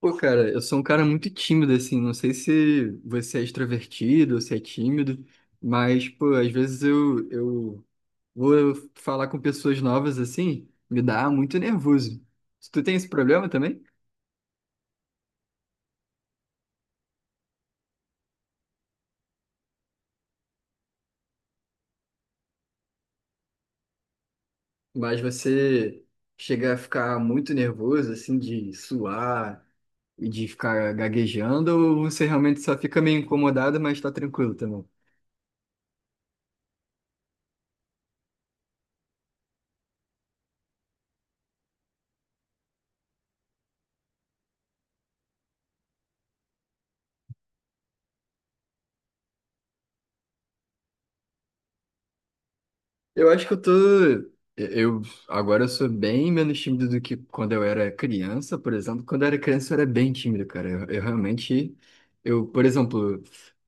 Pô, cara, eu sou um cara muito tímido, assim. Não sei se você é extrovertido ou se é tímido, mas, pô, às vezes eu vou falar com pessoas novas, assim, me dá muito nervoso. Tu tem esse problema também? Mas você chega a ficar muito nervoso, assim, de suar e de ficar gaguejando, ou você realmente só fica meio incomodado, mas tá tranquilo também? Eu acho que eu tô. Eu agora eu sou bem menos tímido do que quando eu era criança, por exemplo. Quando eu era criança eu era bem tímido, cara. Eu realmente, eu, por exemplo,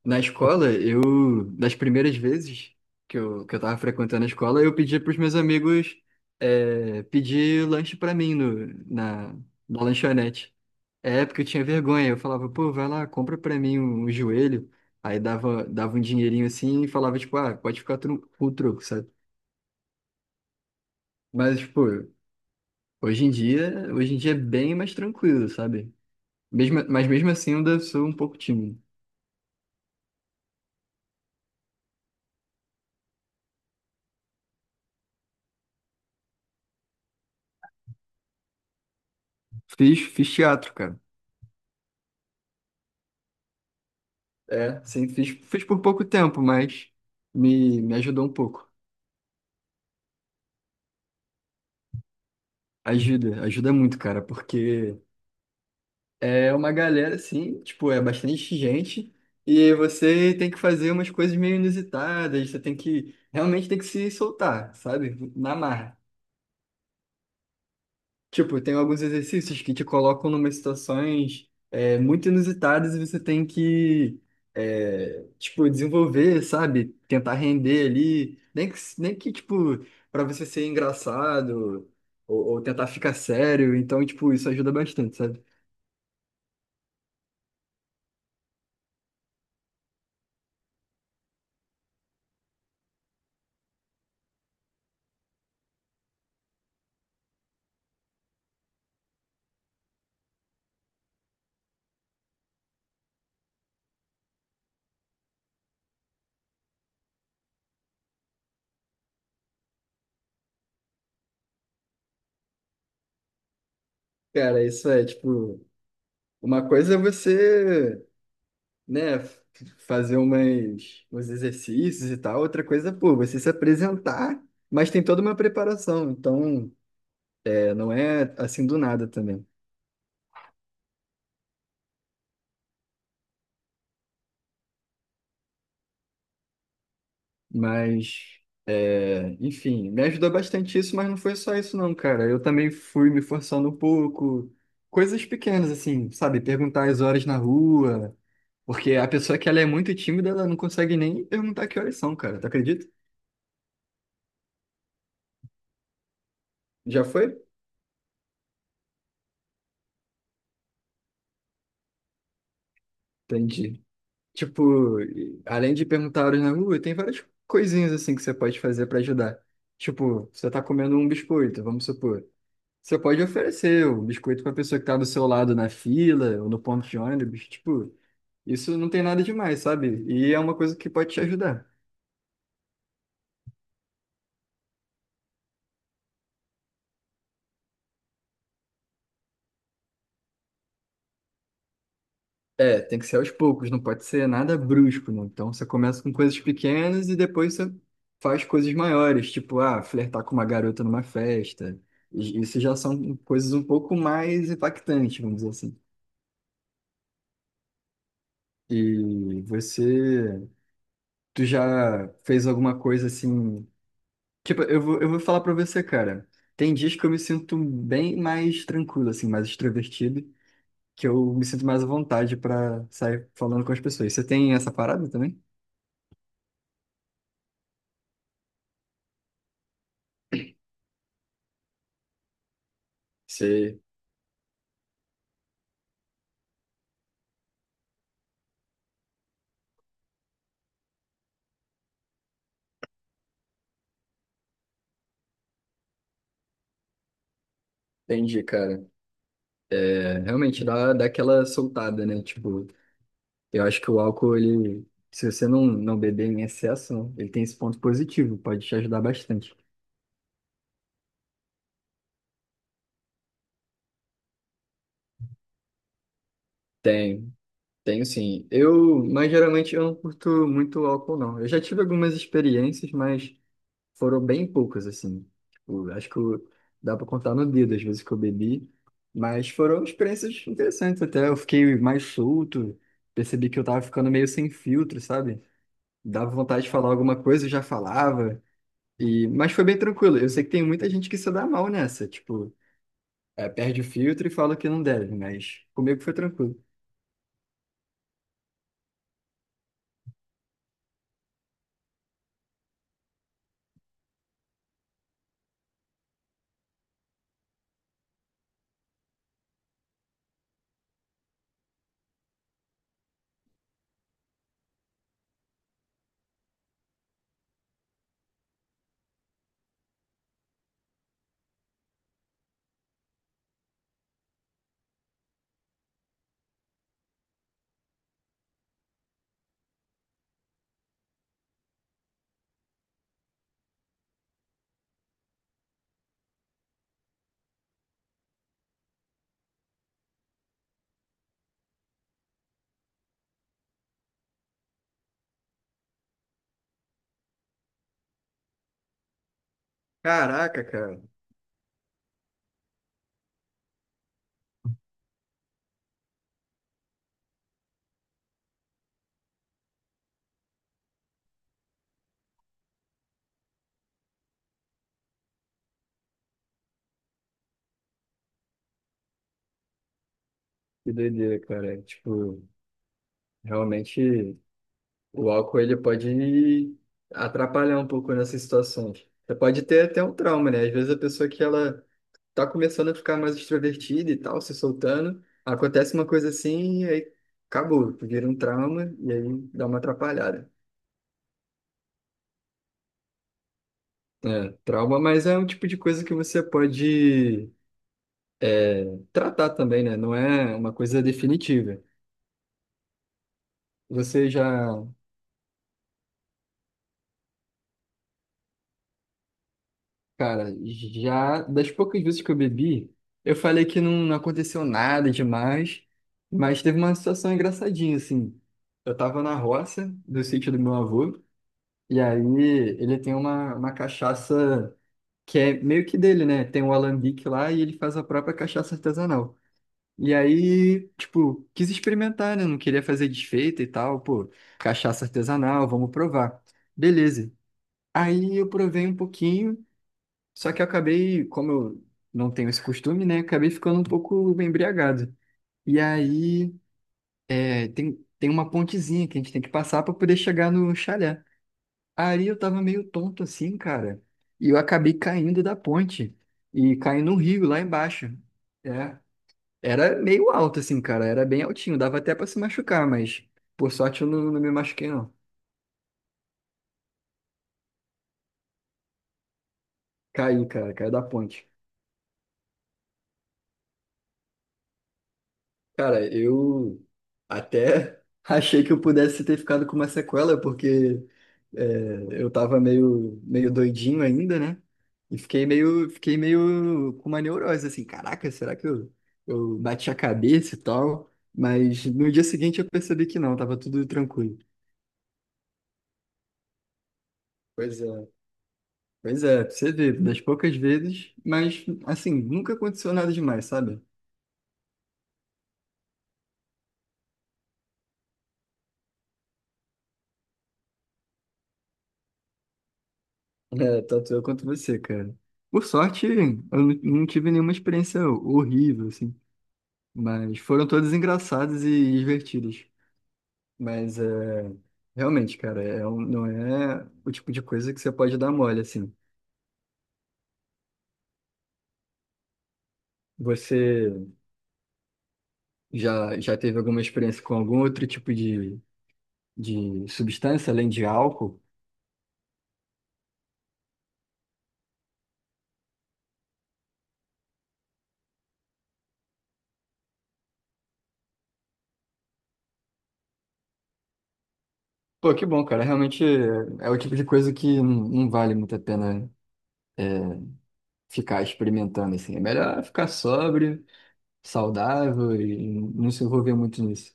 na escola, eu das primeiras vezes que eu tava frequentando a escola, eu pedia pros meus amigos pedir lanche pra mim no, na, na lanchonete. É, porque eu tinha vergonha. Eu falava, pô, vai lá, compra pra mim um, um joelho. Aí dava, dava um dinheirinho assim e falava, tipo, ah, pode ficar com o troco, sabe? Mas, tipo, hoje em dia é bem mais tranquilo, sabe? Mesmo, mas mesmo assim eu ainda sou um pouco tímido. Fiz, fiz teatro, cara. É, sim, fiz, fiz por pouco tempo, mas me ajudou um pouco. Ajuda, ajuda muito, cara, porque é uma galera, assim, tipo, é bastante gente e você tem que fazer umas coisas meio inusitadas, você tem que, realmente tem que se soltar, sabe? Na marra. Tipo, tem alguns exercícios que te colocam numa situações muito inusitadas e você tem que, é, tipo, desenvolver, sabe? Tentar render ali. Nem que, nem que tipo, para você ser engraçado ou tentar ficar sério. Então, tipo, isso ajuda bastante, sabe? Cara, isso é, tipo, uma coisa é você, né, fazer umas, uns exercícios e tal. Outra coisa, é, pô, você se apresentar, mas tem toda uma preparação. Então. Não é assim do nada também. Mas, é, enfim, me ajudou bastante isso, mas não foi só isso não, cara. Eu também fui me forçando um pouco. Coisas pequenas, assim, sabe? Perguntar as horas na rua. Porque a pessoa que ela é muito tímida, ela não consegue nem perguntar que horas são, cara. Tu acredita? Já foi? Entendi. Tipo, além de perguntar horas na rua, tem várias coisinhas assim que você pode fazer pra ajudar. Tipo, você tá comendo um biscoito, vamos supor. Você pode oferecer o biscoito pra pessoa que tá do seu lado na fila ou no ponto de ônibus. Tipo, isso não tem nada demais, sabe? E é uma coisa que pode te ajudar. É, tem que ser aos poucos, não pode ser nada brusco, não. Então você começa com coisas pequenas e depois você faz coisas maiores, tipo, ah, flertar com uma garota numa festa. Isso já são coisas um pouco mais impactantes, vamos dizer assim. E você, tu já fez alguma coisa assim? Tipo, eu vou falar pra você, cara. Tem dias que eu me sinto bem mais tranquilo, assim, mais extrovertido, que eu me sinto mais à vontade pra sair falando com as pessoas. Você tem essa parada também? Você Entendi, cara. É, realmente dá, dá aquela soltada, né? Tipo, eu acho que o álcool, ele, se você não, não beber em excesso, ele tem esse ponto positivo, pode te ajudar bastante. Tem, tenho sim. Eu, mas geralmente eu não curto muito álcool, não. Eu já tive algumas experiências, mas. Foram bem poucas, assim. Tipo, acho dá pra contar no dedo as vezes que eu bebi. Mas foram experiências interessantes até. Eu fiquei mais solto, percebi que eu tava ficando meio sem filtro, sabe? Dava vontade de falar alguma coisa, eu já falava. E... Mas foi bem tranquilo. Eu sei que tem muita gente que se dá mal nessa. Tipo, é, perde o filtro e fala que não deve, mas comigo foi tranquilo. Caraca, cara. Que doideira, cara. Tipo, realmente. O álcool ele pode atrapalhar um pouco nessas situações. Você pode ter até um trauma, né? Às vezes a pessoa que ela tá começando a ficar mais extrovertida e tal, se soltando, acontece uma coisa assim e aí acabou, vira um trauma e aí dá uma atrapalhada. É, trauma, mas é um tipo de coisa que você pode é, tratar também, né? Não é uma coisa definitiva. Você já Cara, já das poucas vezes que eu bebi, eu falei que não, não aconteceu nada demais, mas teve uma situação engraçadinha, assim. Eu tava na roça do sítio do meu avô, e aí ele tem uma cachaça que é meio que dele, né? Tem um alambique lá e ele faz a própria cachaça artesanal. E aí, tipo, quis experimentar, né? Não queria fazer desfeita e tal, pô, cachaça artesanal, vamos provar. Beleza. Aí eu provei um pouquinho. Só que eu acabei, como eu não tenho esse costume, né? Acabei ficando um pouco embriagado. E aí é, tem, tem uma pontezinha que a gente tem que passar para poder chegar no chalé. Aí eu tava meio tonto assim, cara. E eu acabei caindo da ponte e caí no rio lá embaixo. É, era meio alto assim, cara. Era bem altinho. Dava até para se machucar, mas por sorte eu não, não me machuquei, não. Caí, cara. Caí da ponte. Cara, eu até achei que eu pudesse ter ficado com uma sequela, porque é, eu tava meio, meio doidinho ainda, né? E fiquei meio com uma neurose, assim, caraca, será que eu bati a cabeça e tal? Mas no dia seguinte eu percebi que não, tava tudo tranquilo. Pois é. Pois é, pra você vê, das poucas vezes, mas assim, nunca aconteceu nada demais, sabe? É, tanto eu quanto você, cara. Por sorte, eu não não tive nenhuma experiência horrível, assim. Mas foram todas engraçadas e divertidas. Mas é, realmente, cara, é, não é o tipo de coisa que você pode dar mole, assim. Você já, já teve alguma experiência com algum outro tipo de substância, além de álcool? Pô, que bom, cara. Realmente é, é o tipo de coisa que não, não vale muito a pena ficar experimentando, assim. É melhor ficar sóbrio saudável e não se envolver muito nisso?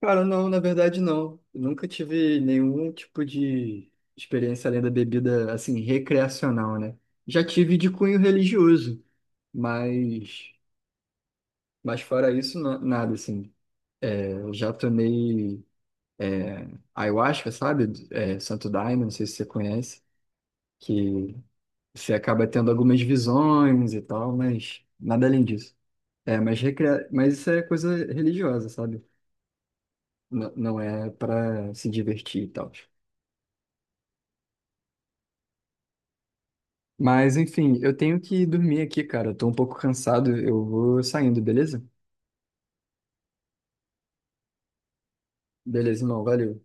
Cara, não, na verdade não. Eu nunca tive nenhum tipo de experiência além da bebida, assim, recreacional, né? Já tive de cunho religioso, mas, mas fora isso, nada, assim. Eu já tomei ayahuasca, sabe? É, Santo Daime, não sei se você conhece, que você acaba tendo algumas visões e tal, mas nada além disso. É, mas, mas isso é coisa religiosa, sabe? Não, não é para se divertir e tal. Mas, enfim, eu tenho que dormir aqui, cara. Eu tô um pouco cansado. Eu vou saindo, beleza? Beleza, irmão. Valeu.